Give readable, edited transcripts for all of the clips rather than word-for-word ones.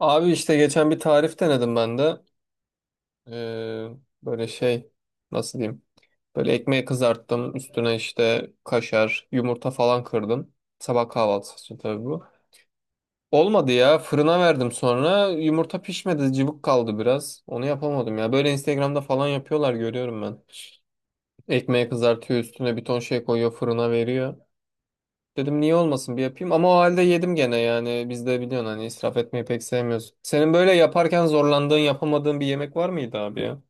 Abi işte geçen bir tarif denedim ben de. Ee, böyle şey nasıl diyeyim? Böyle ekmeği kızarttım. Üstüne işte kaşar, yumurta falan kırdım. Sabah kahvaltısı için tabii bu. Olmadı ya. Fırına verdim sonra. Yumurta pişmedi. Cıvık kaldı biraz. Onu yapamadım ya. Böyle Instagram'da falan yapıyorlar görüyorum ben. Ekmeği kızartıyor üstüne bir ton şey koyuyor fırına veriyor. Dedim niye olmasın bir yapayım ama o halde yedim gene yani biz de biliyorsun hani israf etmeyi pek sevmiyoruz. Senin böyle yaparken zorlandığın yapamadığın bir yemek var mıydı abi ya?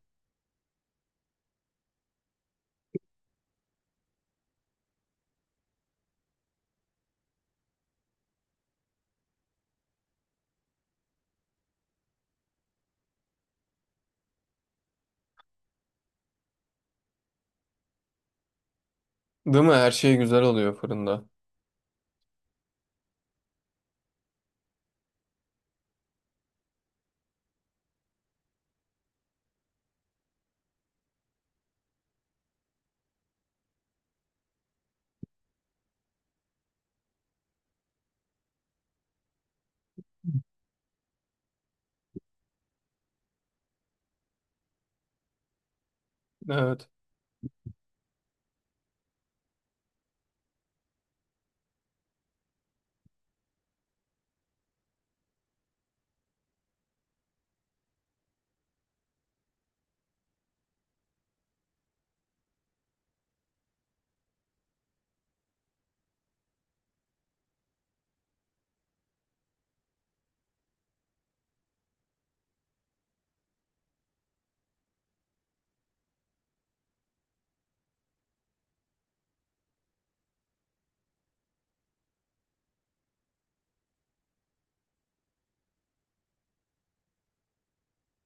Değil mi? Her şey güzel oluyor fırında. Evet.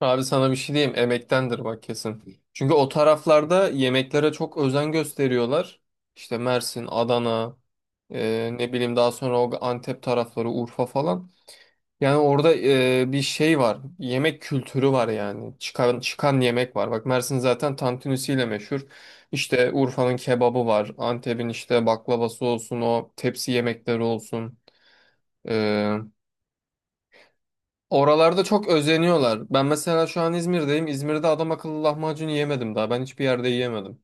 Abi sana bir şey diyeyim emektendir bak kesin. Çünkü o taraflarda yemeklere çok özen gösteriyorlar. İşte Mersin, Adana, ne bileyim daha sonra o Antep tarafları, Urfa falan. Yani orada bir şey var. Yemek kültürü var yani. Çıkan çıkan yemek var. Bak Mersin zaten tantunisiyle meşhur. İşte Urfa'nın kebabı var. Antep'in işte baklavası olsun, o tepsi yemekleri olsun. E, oralarda çok özeniyorlar. Ben mesela şu an İzmir'deyim. İzmir'de adam akıllı lahmacun yiyemedim daha. Ben hiçbir yerde yiyemedim.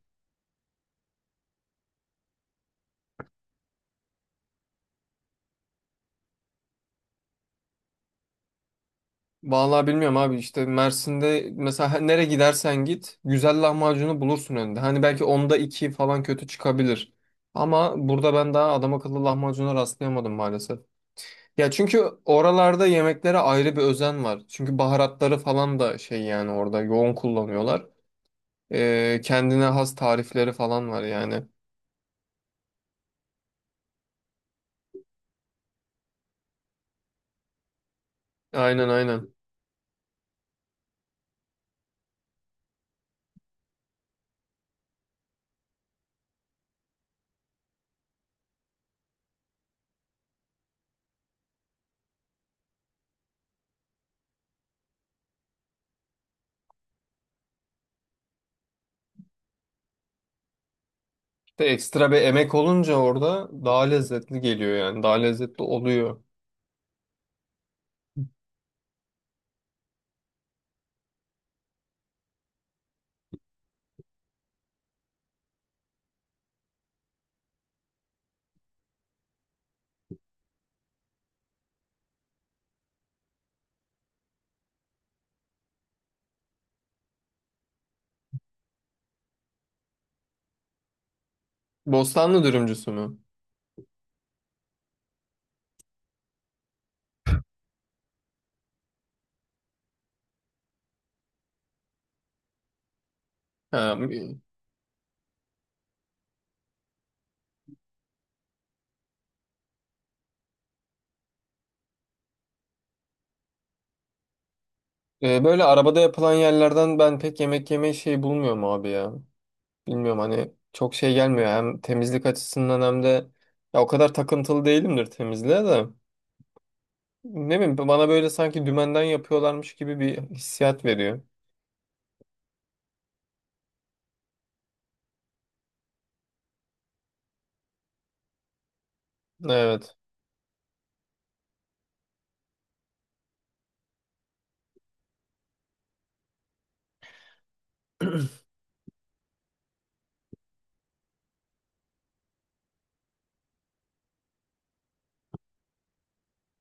Vallahi bilmiyorum abi işte Mersin'de mesela nereye gidersen git güzel lahmacunu bulursun önünde. Hani belki onda iki falan kötü çıkabilir. Ama burada ben daha adam akıllı lahmacuna rastlayamadım maalesef. Ya çünkü oralarda yemeklere ayrı bir özen var. Çünkü baharatları falan da şey yani orada yoğun kullanıyorlar. Kendine has tarifleri falan var yani. Aynen aynen. De ekstra bir emek olunca orada daha lezzetli geliyor yani. Daha lezzetli oluyor. Bostanlı dürümcüsü mü? Ha. Böyle arabada yapılan yerlerden ben pek yemek yemeyi şey bulmuyorum abi ya. Bilmiyorum hani çok şey gelmiyor. Hem temizlik açısından hem de ya o kadar takıntılı değilimdir temizliğe de. Ne bileyim bana böyle sanki dümenden yapıyorlarmış gibi bir hissiyat veriyor. Evet.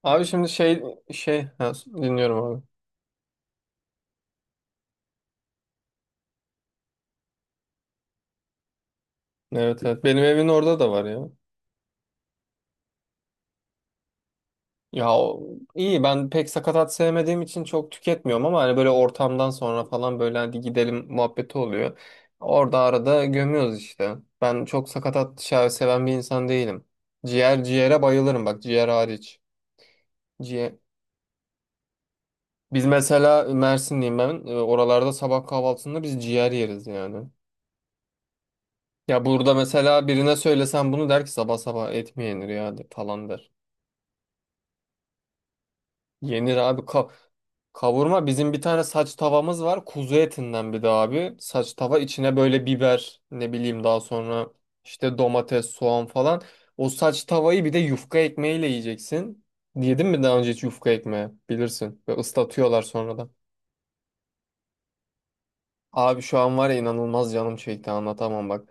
Abi şimdi şey ha, dinliyorum abi. Evet, evet, benim evin orada da var ya. Ya o- iyi ben pek sakatat sevmediğim için çok tüketmiyorum ama hani böyle ortamdan sonra falan böyle hadi gidelim muhabbeti oluyor. Orada arada gömüyoruz işte. Ben çok sakatat şahı seven bir insan değilim. Ciğer ciğere bayılırım bak ciğer hariç. Ciğer. Biz mesela Mersinliyim ben. E, oralarda sabah kahvaltısında biz ciğer yeriz yani. Ya burada mesela birine söylesen bunu der ki sabah sabah et mi yenir ya falan der. Yenir abi. Kavurma bizim bir tane saç tavamız var. Kuzu etinden bir de abi. Saç tava içine böyle biber ne bileyim daha sonra işte domates, soğan falan. O saç tavayı bir de yufka ekmeğiyle yiyeceksin. Yedin mi daha önce hiç yufka ekmeği? Bilirsin. Ve ıslatıyorlar sonradan. Abi şu an var ya inanılmaz canım çekti anlatamam bak.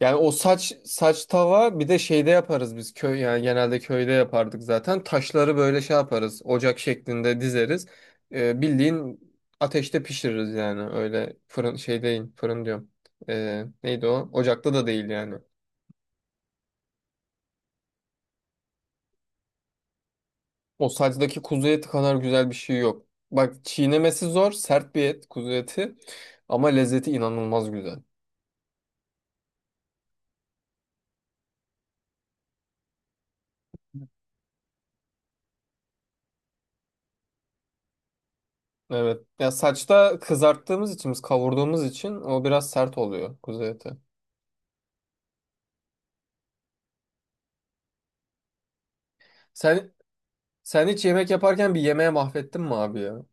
Yani o saç tava bir de şeyde yaparız biz köy yani genelde köyde yapardık zaten. Taşları böyle şey yaparız ocak şeklinde dizeriz. Bildiğin ateşte pişiririz yani öyle fırın şey değil fırın diyorum. Neydi o? Ocakta da değil yani. O saçtaki kuzu eti kadar güzel bir şey yok. Bak çiğnemesi zor sert bir et kuzu eti ama lezzeti inanılmaz güzel. Evet. Ya saçta kızarttığımız için, biz kavurduğumuz için o biraz sert oluyor kuzu eti. Sen sen hiç yemek yaparken bir yemeğe mahvettin mi abi ya?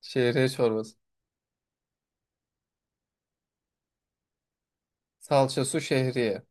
Şehriye çorbası. Salça su şehriye.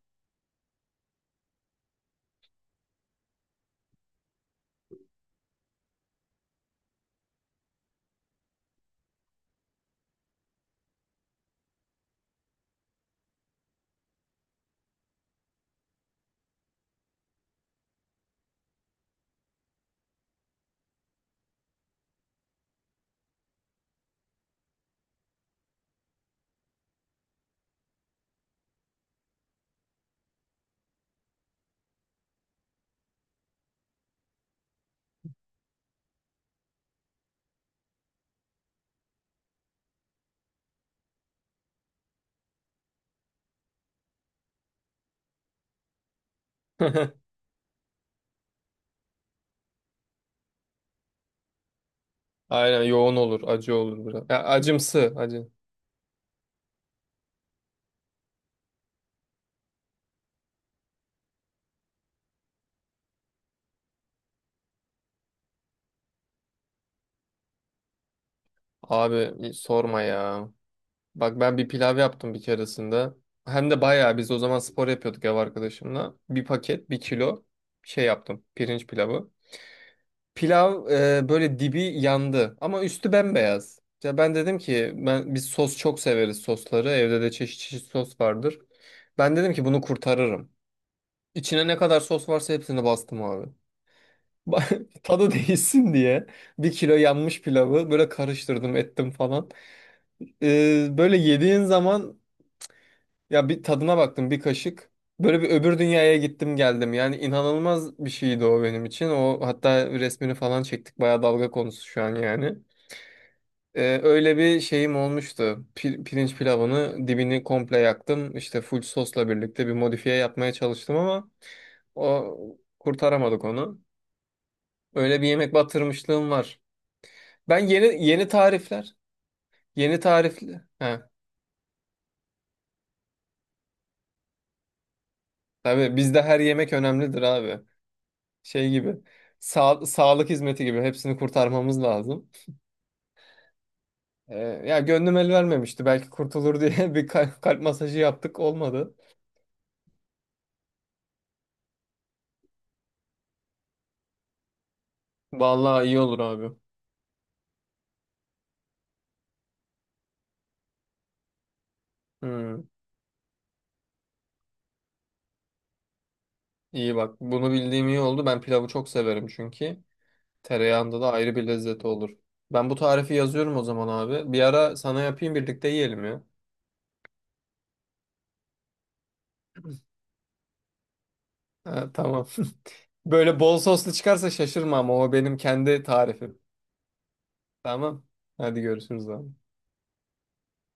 Aynen yoğun olur, acı olur biraz. Ya acımsı, acı. Abi sorma ya. Bak ben bir pilav yaptım bir keresinde. Hem de bayağı biz o zaman spor yapıyorduk ev arkadaşımla. Bir paket, bir kilo şey yaptım. Pirinç pilavı. Pilav böyle dibi yandı ama üstü bembeyaz. Ya ben dedim ki ben biz sos çok severiz sosları. Evde de çeşit çeşit sos vardır. Ben dedim ki bunu kurtarırım. İçine ne kadar sos varsa hepsini bastım abi. Tadı değişsin diye bir kilo yanmış pilavı böyle karıştırdım ettim falan. Böyle yediğin zaman ya bir tadına baktım bir kaşık. Böyle bir öbür dünyaya gittim geldim. Yani inanılmaz bir şeydi o benim için. O hatta resmini falan çektik. Bayağı dalga konusu şu an yani. Öyle bir şeyim olmuştu. Pirinç pilavını dibini komple yaktım. İşte full sosla birlikte bir modifiye yapmaya çalıştım ama o kurtaramadık onu. Öyle bir yemek batırmışlığım var. Ben yeni yeni tarifler, yeni tarifli. He, tabii bizde her yemek önemlidir abi. Şey gibi. Sa sağlık hizmeti gibi hepsini kurtarmamız lazım. Ya gönlüm el vermemişti. Belki kurtulur diye bir kalp masajı yaptık olmadı. Vallahi iyi olur abi. Hmm. İyi bak bunu bildiğim iyi oldu. Ben pilavı çok severim çünkü. Tereyağında da ayrı bir lezzeti olur. Ben bu tarifi yazıyorum o zaman abi. Bir ara sana yapayım birlikte yiyelim ya. Ha, tamam. Böyle bol soslu çıkarsa şaşırma ama o benim kendi tarifim. Tamam. Hadi görüşürüz abi.